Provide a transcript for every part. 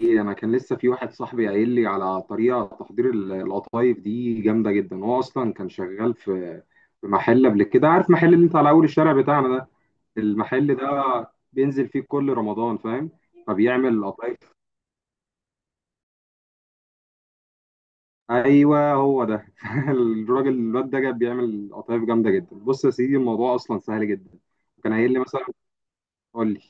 ايه. انا كان لسه في واحد صاحبي قايل لي على طريقه تحضير القطايف دي جامده جدا. هو اصلا كان شغال في محل قبل كده، عارف محل اللي انت على اول الشارع بتاعنا ده؟ المحل ده بينزل فيه كل رمضان، فاهم؟ فبيعمل قطايف. ايوه هو ده الراجل الواد ده جاب بيعمل قطايف جامده جدا. بص يا سيدي الموضوع اصلا سهل جدا. كان قايل لي مثلا، قول لي،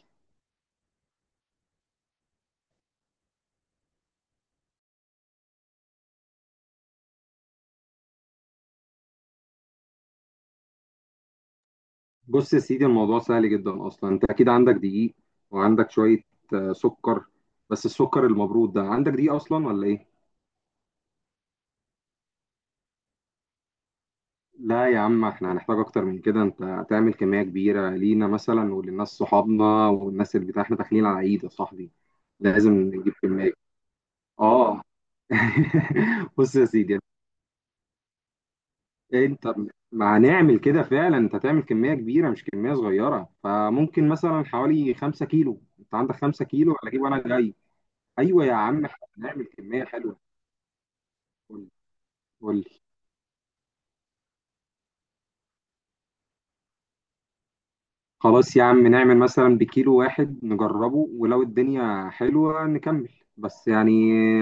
بص يا سيدي الموضوع سهل جدا اصلا. انت اكيد عندك دقيق وعندك شويه سكر، بس السكر المبرود ده، عندك دقيق اصلا ولا ايه؟ لا يا عم احنا هنحتاج اكتر من كده، انت هتعمل كميه كبيره لينا مثلا وللناس صحابنا والناس، اللي بتاع احنا داخلين على عيد يا صاحبي، لازم نجيب كميه. اه بص يا سيدي انت، ما هنعمل كده فعلا، انت هتعمل كميه كبيره مش كميه صغيره، فممكن مثلا حوالي 5 كيلو. انت عندك 5 كيلو ولا اجيب وانا جاي؟ ايوه يا عم احنا هنعمل كميه حلوه. قول، قول لي. خلاص يا عم نعمل مثلا بكيلو واحد نجربه، ولو الدنيا حلوه نكمل، بس يعني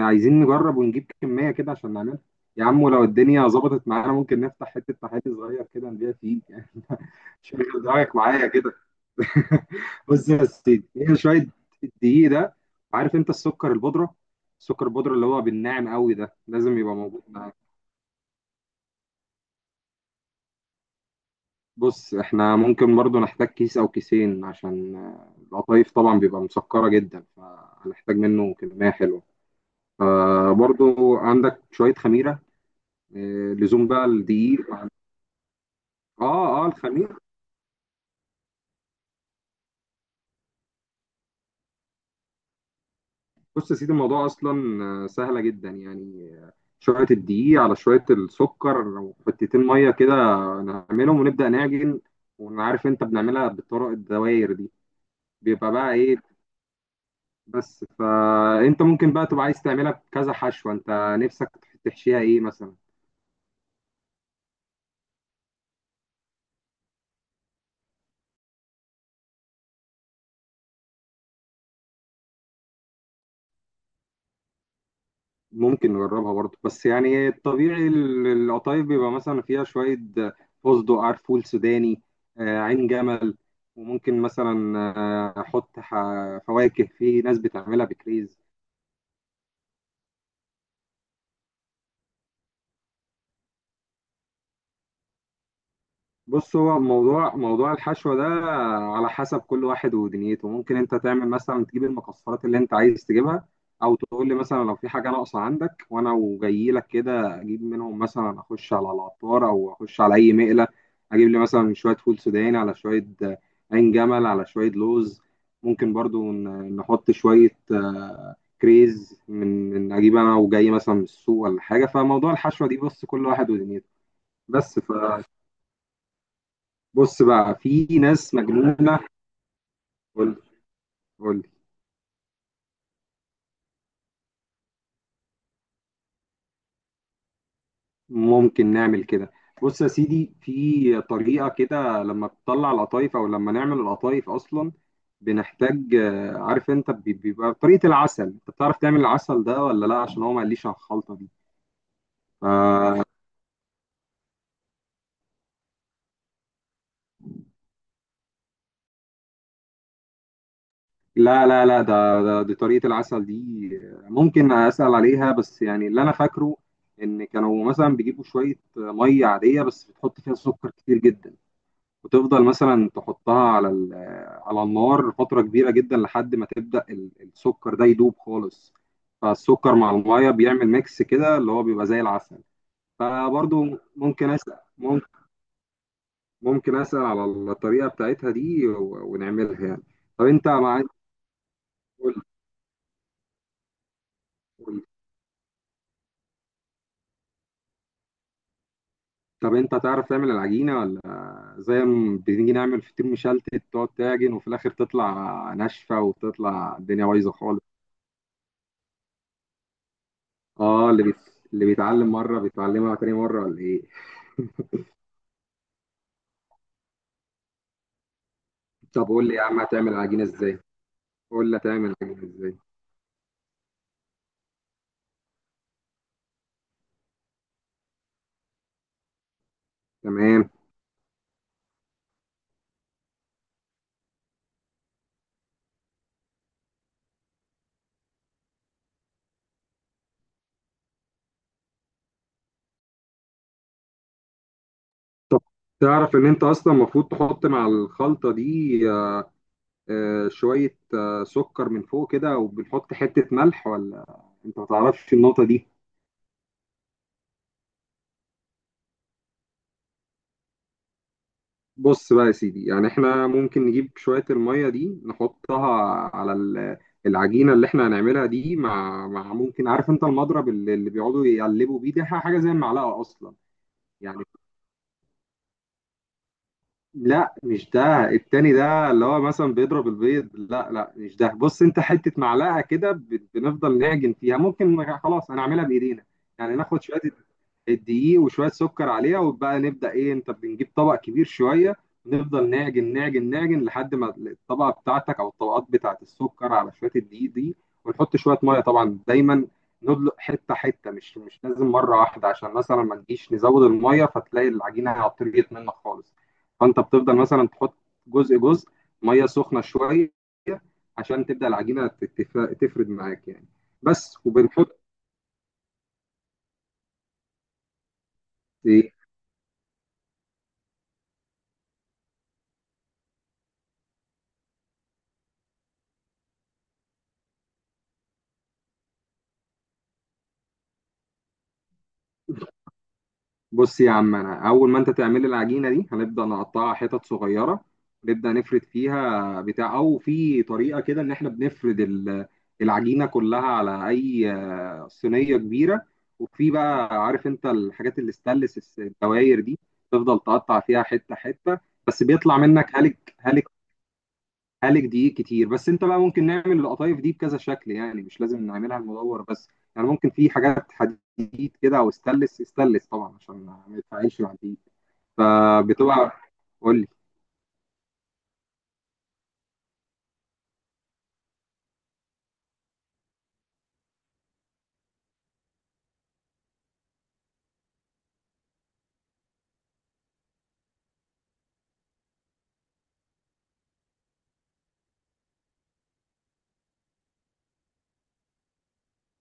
عايزين نجرب ونجيب كميه كده عشان نعملها. يا عم ولو الدنيا ظبطت معانا ممكن نفتح حته تحالي صغير كده نبيع فيه، يعني مش رايك معايا كده؟ بص يا سيدي، هي شويه الدقيق ده. عارف انت السكر البودره اللي هو بالناعم قوي ده، لازم يبقى موجود. بص، احنا ممكن برضو نحتاج كيس او كيسين، عشان القطايف طبعا بيبقى مسكرة جدا فهنحتاج منه كمية حلوة. آه برضو، عندك شوية خميرة؟ آه لزوم بقى الدقيق. اه اه، الخميرة. بص يا سيدي، الموضوع اصلا سهلة جدا يعني. شوية الدقيق على شوية السكر وحتتين مية كده، نعملهم ونبدأ نعجن. وعارف انت بنعملها بالطرق الدوائر دي، بيبقى بقى ايه، بس. فانت ممكن بقى تبقى عايز تعملها بكذا حشوة انت نفسك، تحشيها ايه مثلا؟ ممكن نجربها برضه، بس يعني الطبيعي القطايف بيبقى مثلا فيها شوية فستق، عرفول سوداني، عين جمل، وممكن مثلا احط فواكه، في ناس بتعملها بكريز. بص هو موضوع الحشو ده على حسب كل واحد ودنيته. ممكن انت تعمل مثلا، تجيب المكسرات اللي انت عايز تجيبها، او تقول لي مثلا لو في حاجه ناقصه عندك وانا وجاي لك كده اجيب منهم، مثلا اخش على العطار او اخش على اي مقله، اجيب لي مثلا شويه فول سوداني على شويه، عين جمل، على شويه لوز. ممكن برضو نحط شويه كريز من اجيب انا وجاي مثلا من السوق ولا حاجه. فموضوع الحشوه دي، بص، كل واحد ودنيته. بس ف بص بقى في ناس مجنونة. قول، قول. ممكن نعمل كده. بص يا سيدي، في طريقة كده لما بتطلع القطايف أو لما نعمل القطايف أصلا، بنحتاج عارف أنت بيبقى طريقة العسل، أنت بتعرف تعمل العسل ده ولا لا؟ عشان هو ما قاليش على الخلطة دي. ف- لا لا لا، ده دي طريقة العسل دي ممكن أسأل عليها، بس يعني اللي أنا فاكره، إن كانوا مثلا بيجيبوا شوية مية عادية بس بتحط فيها سكر كتير جدا، وتفضل مثلا تحطها على على النار فترة كبيرة جدا لحد ما تبدأ السكر ده يدوب خالص، فالسكر مع المية بيعمل ميكس كده اللي هو بيبقى زي العسل. فبرضو ممكن أسأل، ممكن أسأل على الطريقة بتاعتها دي ونعملها يعني. طب أنت معاك، قول، قول. طب أنت تعرف تعمل العجينة ولا زي ما بنيجي نعمل فطير مشلتت تقعد تعجن وفي الآخر تطلع ناشفة وتطلع الدنيا بايظة خالص؟ اه، اللي بيتعلم مره بيتعلمها تاني مره ولا ايه؟ طب قول لي يا عم هتعمل العجينه ازاي. قول لي هتعمل العجينه ازاي. تمام. طب تعرف ان انت اصلا المفروض تحط مع الخلطه دي شويه سكر من فوق كده، وبنحط حته ملح ولا انت ما تعرفش النقطه دي؟ بص بقى يا سيدي، يعني احنا ممكن نجيب شويه الميه دي نحطها على العجينه اللي احنا هنعملها دي، مع ممكن، عارف انت المضرب اللي بيقعدوا يقلبوا بيه ده، حاجه زي المعلقه اصلا يعني؟ لا مش ده، التاني ده اللي هو مثلا بيضرب البيض، لا لا مش ده. بص، انت حتة معلقة كده بنفضل نعجن فيها، ممكن خلاص هنعملها بإيدينا يعني. ناخد شوية الدقيق وشوية سكر عليها، وبقى نبدأ ايه، انت بنجيب طبق كبير شوية، نفضل نعجن نعجن نعجن لحد ما الطبقة بتاعتك او الطبقات بتاعت السكر على شوية الدقيق دي، ونحط شوية مية طبعا دايما، ندلق حتة حتة، مش لازم مرة واحدة عشان مثلا ما نجيش نزود المية فتلاقي العجينة عطريت منك خالص. فانت بتفضل مثلا تحط جزء جزء، ميه سخنه شويه، عشان تبدا العجينه تفرد معاك يعني. بس وبنحط ايه. بص يا عم، انا اول ما انت تعمل العجينه دي هنبدا نقطعها حتت صغيره، نبدا نفرد فيها بتاع، او في طريقه كده ان احنا بنفرد العجينه كلها على اي صينيه كبيره. وفي بقى، عارف انت الحاجات اللي الستانلس، الدواير دي، تفضل تقطع فيها حته حته، بس بيطلع منك هلك هلك، هالك دقيق كتير. بس انت بقى ممكن نعمل القطايف دي بكذا شكل، يعني مش لازم نعملها المدور بس، يعني ممكن في حاجات حديد كده او استانلس، استانلس طبعا عشان ما يتفاعلش مع الدقيق. فبتبقى، قول لي،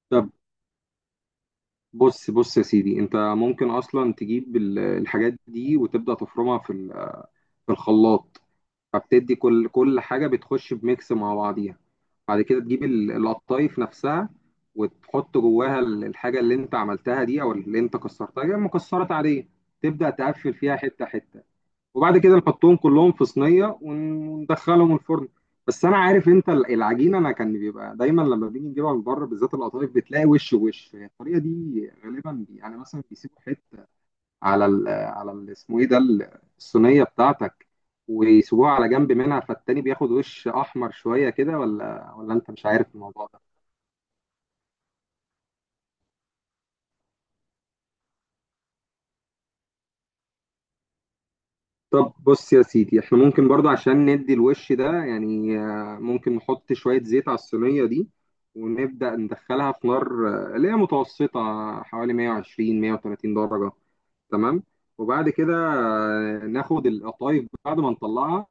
طب، بص بص يا سيدي، انت ممكن اصلا تجيب الحاجات دي وتبدا تفرمها في في الخلاط، فبتدي كل حاجة بتخش بميكس مع بعضيها. بعد كده تجيب القطايف نفسها، وتحط جواها الحاجة اللي انت عملتها دي او اللي انت كسرتها يعني مكسرات عادية، تبدأ تقفل فيها حتة حتة. وبعد كده نحطهم كلهم في صينية وندخلهم الفرن. بس انا عارف انت العجينة، انا كان بيبقى دايما لما بنيجي نجيبها من بره بالذات القطايف بتلاقي وش وش، هي الطريقة دي غالبا يعني مثلا بيسيبوا حتة على على اسمه ايه ده الصينيه بتاعتك، ويسيبوها على جنب منها فالتاني بياخد وش احمر شويه كده، ولا انت مش عارف الموضوع ده؟ طب بص يا سيدي احنا ممكن برضو عشان ندي الوش ده يعني، ممكن نحط شويه زيت على الصينيه دي، ونبدا ندخلها في نار اللي هي متوسطه، حوالي 120 130 درجه. تمام. وبعد كده ناخد القطايف بعد ما نطلعها،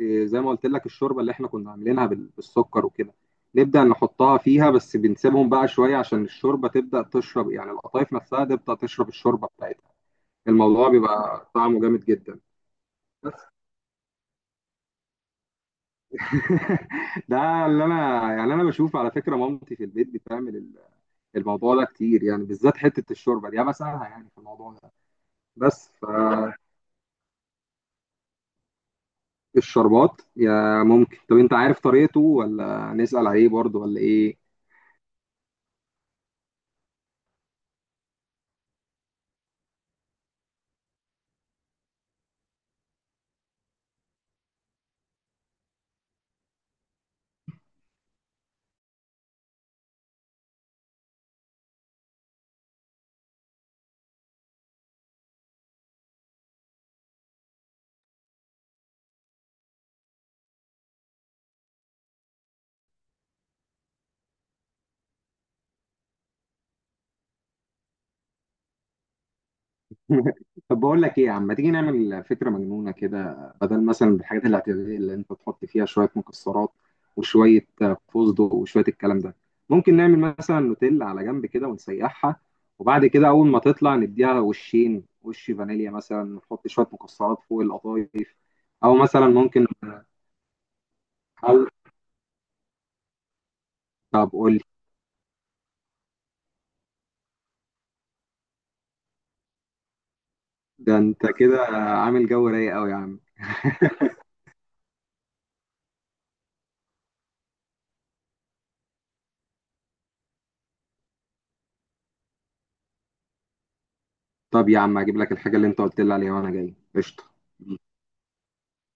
زي ما قلت لك الشوربه اللي احنا كنا عاملينها بالسكر وكده، نبدا نحطها فيها، بس بنسيبهم بقى شويه عشان الشوربه تبدا تشرب، يعني القطايف نفسها تبدا تشرب الشوربه بتاعتها. الموضوع بيبقى طعمه جامد جدا، بس ده اللي انا يعني انا بشوف على فكره، مامتي في البيت بتعمل الموضوع ده كتير، يعني بالذات حته الشوربه دي انا بسالها يعني في الموضوع ده. بس ف الشربات، يا ممكن، طب انت عارف طريقته ولا نسأل عليه برضه ولا ايه؟ طب بقول لك ايه يا عم، ما تيجي نعمل فكرة مجنونة كده، بدل مثلا الحاجات الاعتيادية اللي انت تحط فيها شوية مكسرات وشوية فستق وشوية الكلام ده، ممكن نعمل مثلا نوتيلا على جنب كده ونسيحها، وبعد كده اول ما تطلع نديها وشين، وش فانيليا مثلا، نحط شوية مكسرات فوق القطايف، او مثلا ممكن، أو، طب قول لي. ده انت كده عامل جو رايق قوي يا عم. طب يا عم هجيب لك الحاجة اللي انت قلت لي عليها وانا جاي، قشطة.